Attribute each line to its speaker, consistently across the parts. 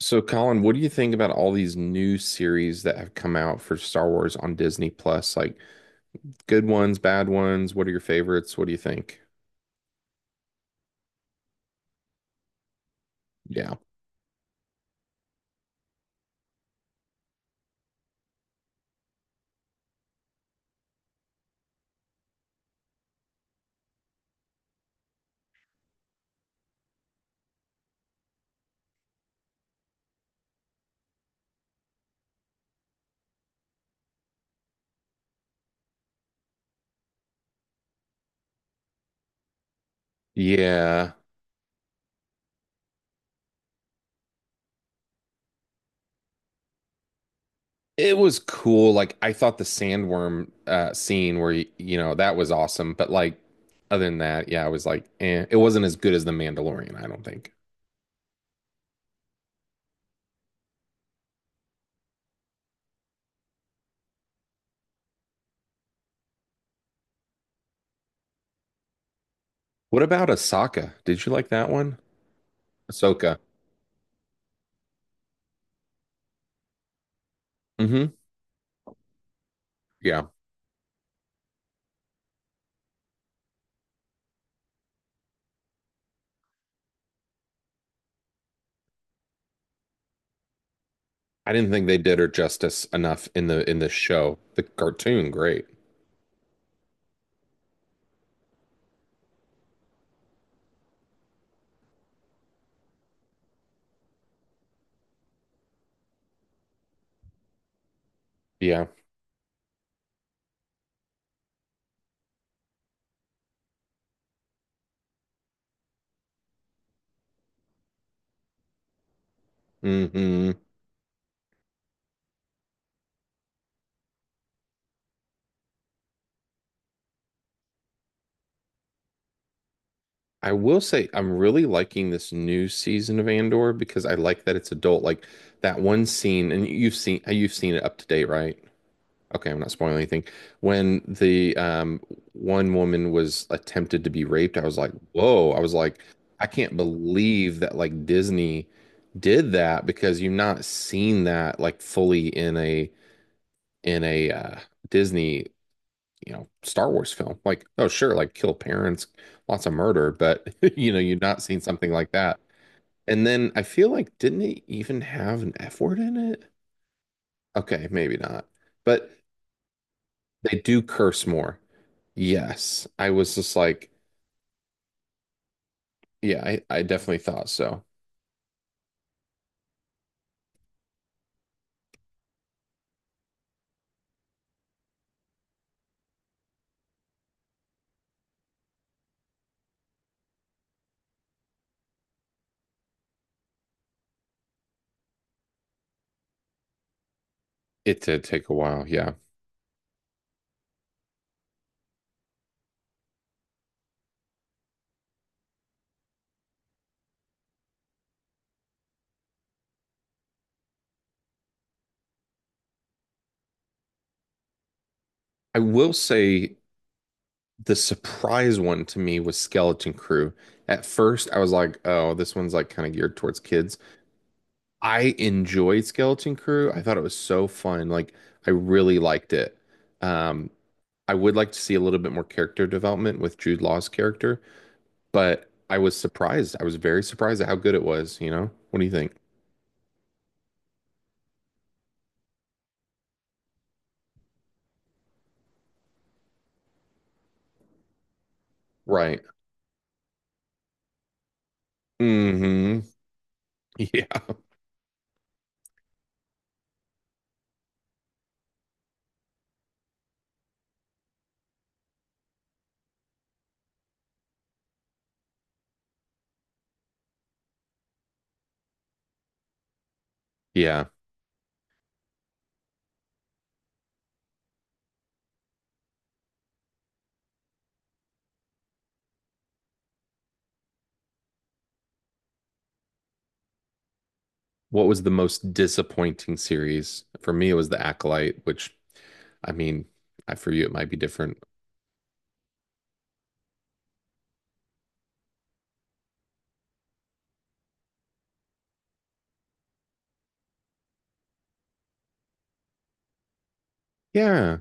Speaker 1: So, Colin, what do you think about all these new series that have come out for Star Wars on Disney Plus? Like good ones, bad ones. What are your favorites? What do you think? Yeah. Yeah. It was cool. Like I thought the sandworm scene where you know that was awesome, but like other than that, yeah, I was like, eh, it wasn't as good as The Mandalorian, I don't think. What about Ahsoka? Did you like that one? Ahsoka. Hmm. Yeah. I didn't think they did her justice enough in the show. The cartoon, great. Yeah. Hmm. I will say I'm really liking this new season of Andor because I like that it's adult. Like that one scene, and you've seen it up to date, right? Okay, I'm not spoiling anything. When the one woman was attempted to be raped, I was like, whoa. I was like, I can't believe that like Disney did that because you've not seen that like fully in a Disney, Star Wars film. Like, oh, sure, like kill parents, lots of murder, but you've not seen something like that. And then I feel like, didn't it even have an F word in it? Okay, maybe not. But they do curse more. Yes. I was just like, yeah, I definitely thought so. It did take a while. Yeah. I will say the surprise one to me was Skeleton Crew. At first, I was like, oh, this one's like kind of geared towards kids. I enjoyed Skeleton Crew. I thought it was so fun. Like I really liked it. Um, I would like to see a little bit more character development with Jude Law's character, but I was surprised. I was very surprised at how good it was, you know? What do you think? Right. Hmm. Yeah. Yeah. What was the most disappointing series? For me, it was The Acolyte, which I mean, I for you it might be different. Yeah.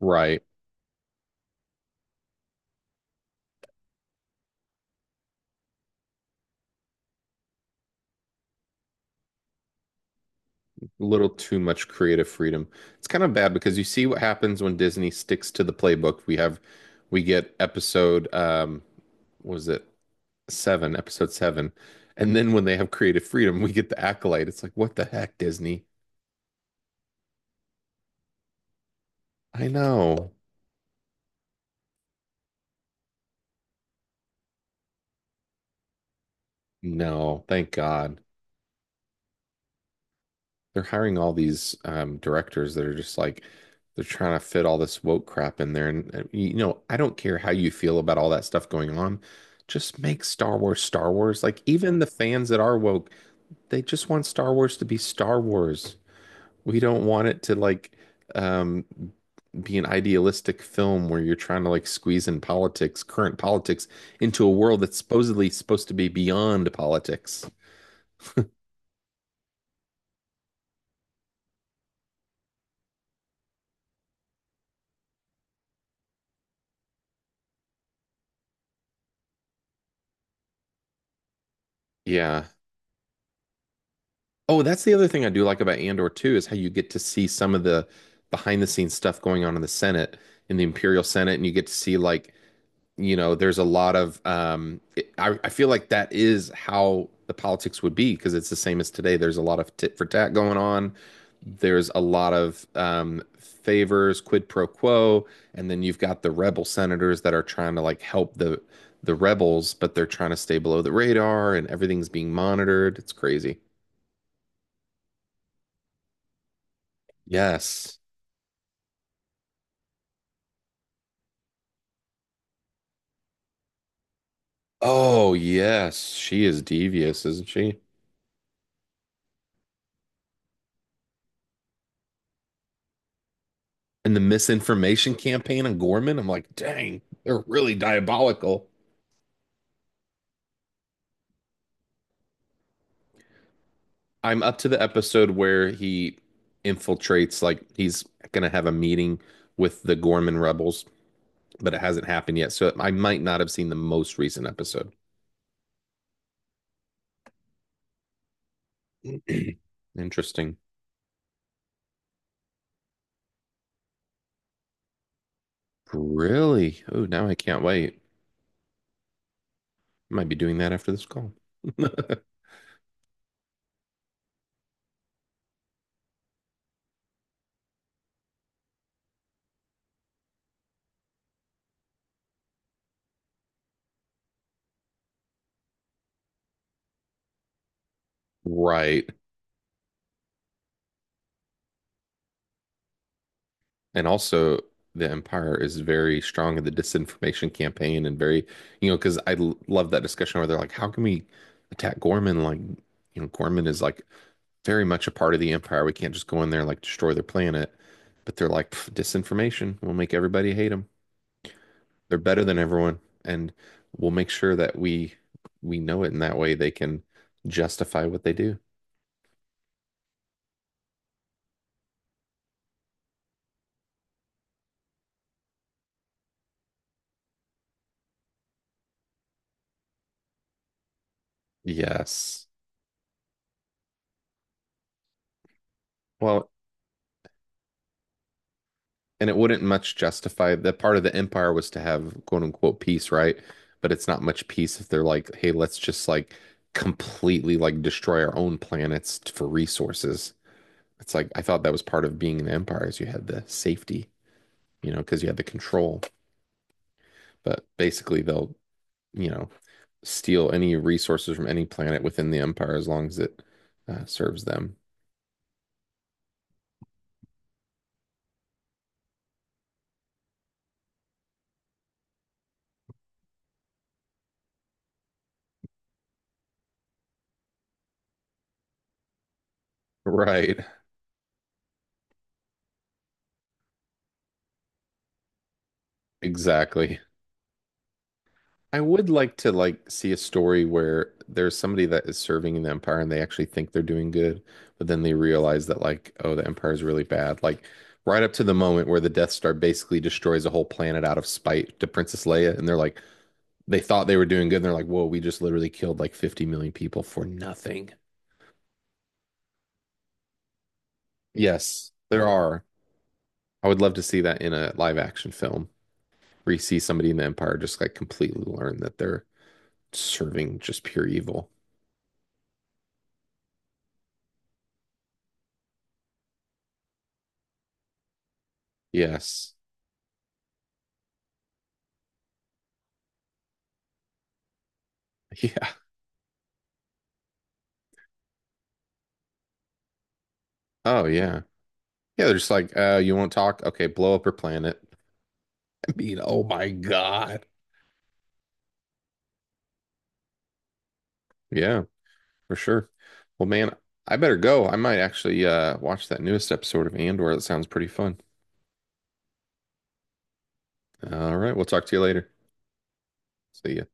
Speaker 1: Right. A little too much creative freedom. It's kind of bad because you see what happens when Disney sticks to the playbook. We get episode what was it, seven, episode seven. And then when they have creative freedom, we get the acolyte. It's like, what the heck, Disney? I know. No, thank God. They're hiring all these directors that are just like they're trying to fit all this woke crap in there. And I don't care how you feel about all that stuff going on. Just make Star Wars Star Wars. Like even the fans that are woke, they just want Star Wars to be Star Wars. We don't want it to like um be an idealistic film where you're trying to like squeeze in politics, current politics, into a world that's supposedly supposed to be beyond politics. Yeah. Oh, that's the other thing I do like about Andor too is how you get to see some of the behind the scenes stuff going on in the Senate, in the Imperial Senate, and you get to see, like, there's a lot of I feel like that is how the politics would be because it's the same as today. There's a lot of tit for tat going on. There's a lot of favors, quid pro quo, and then you've got the rebel senators that are trying to like help the rebels, but they're trying to stay below the radar and everything's being monitored. It's crazy. Yes. Oh, yes. She is devious, isn't she? And the misinformation campaign on Gorman, I'm like, dang, they're really diabolical. I'm up to the episode where he infiltrates, like he's gonna have a meeting with the Gorman rebels, but it hasn't happened yet. So I might not have seen the most recent episode. Interesting. Really? Oh, now I can't wait. I might be doing that after this call. Right. And also, the Empire is very strong in the disinformation campaign and very, because I love that discussion where they're like, how can we attack Gorman? Like, Gorman is like very much a part of the empire. We can't just go in there and like destroy their planet. But they're like, "Pff, disinformation. We'll make everybody hate them. They're better than everyone, and we'll make sure that we know it in that way they can justify what they do. Yes. Well, and it wouldn't much justify that part of the empire was to have quote unquote peace, right? But it's not much peace if they're like, hey, let's just like completely like destroy our own planets for resources. It's like I thought that was part of being an empire is you had the safety. Because you had the control. But basically, they'll, you know, steal any resources from any planet within the empire as long as it serves them. Right. Exactly. I would like to like see a story where there's somebody that is serving in the empire and they actually think they're doing good, but then they realize that like, oh, the empire is really bad. Like right up to the moment where the Death Star basically destroys a whole planet out of spite to Princess Leia, and they're like, they thought they were doing good, and they're like, whoa, we just literally killed like 50 million people for nothing. Yes, there are. I would love to see that in a live action film where you see somebody in the Empire just like completely learn that they're serving just pure evil. Yes. Yeah. Oh, yeah. Yeah, they're just like, you won't talk? Okay, blow up her planet. I mean, oh my God. Yeah, for sure. Well, man, I better go. I might actually watch that newest episode of Andor. That sounds pretty fun. All right, we'll talk to you later. See ya.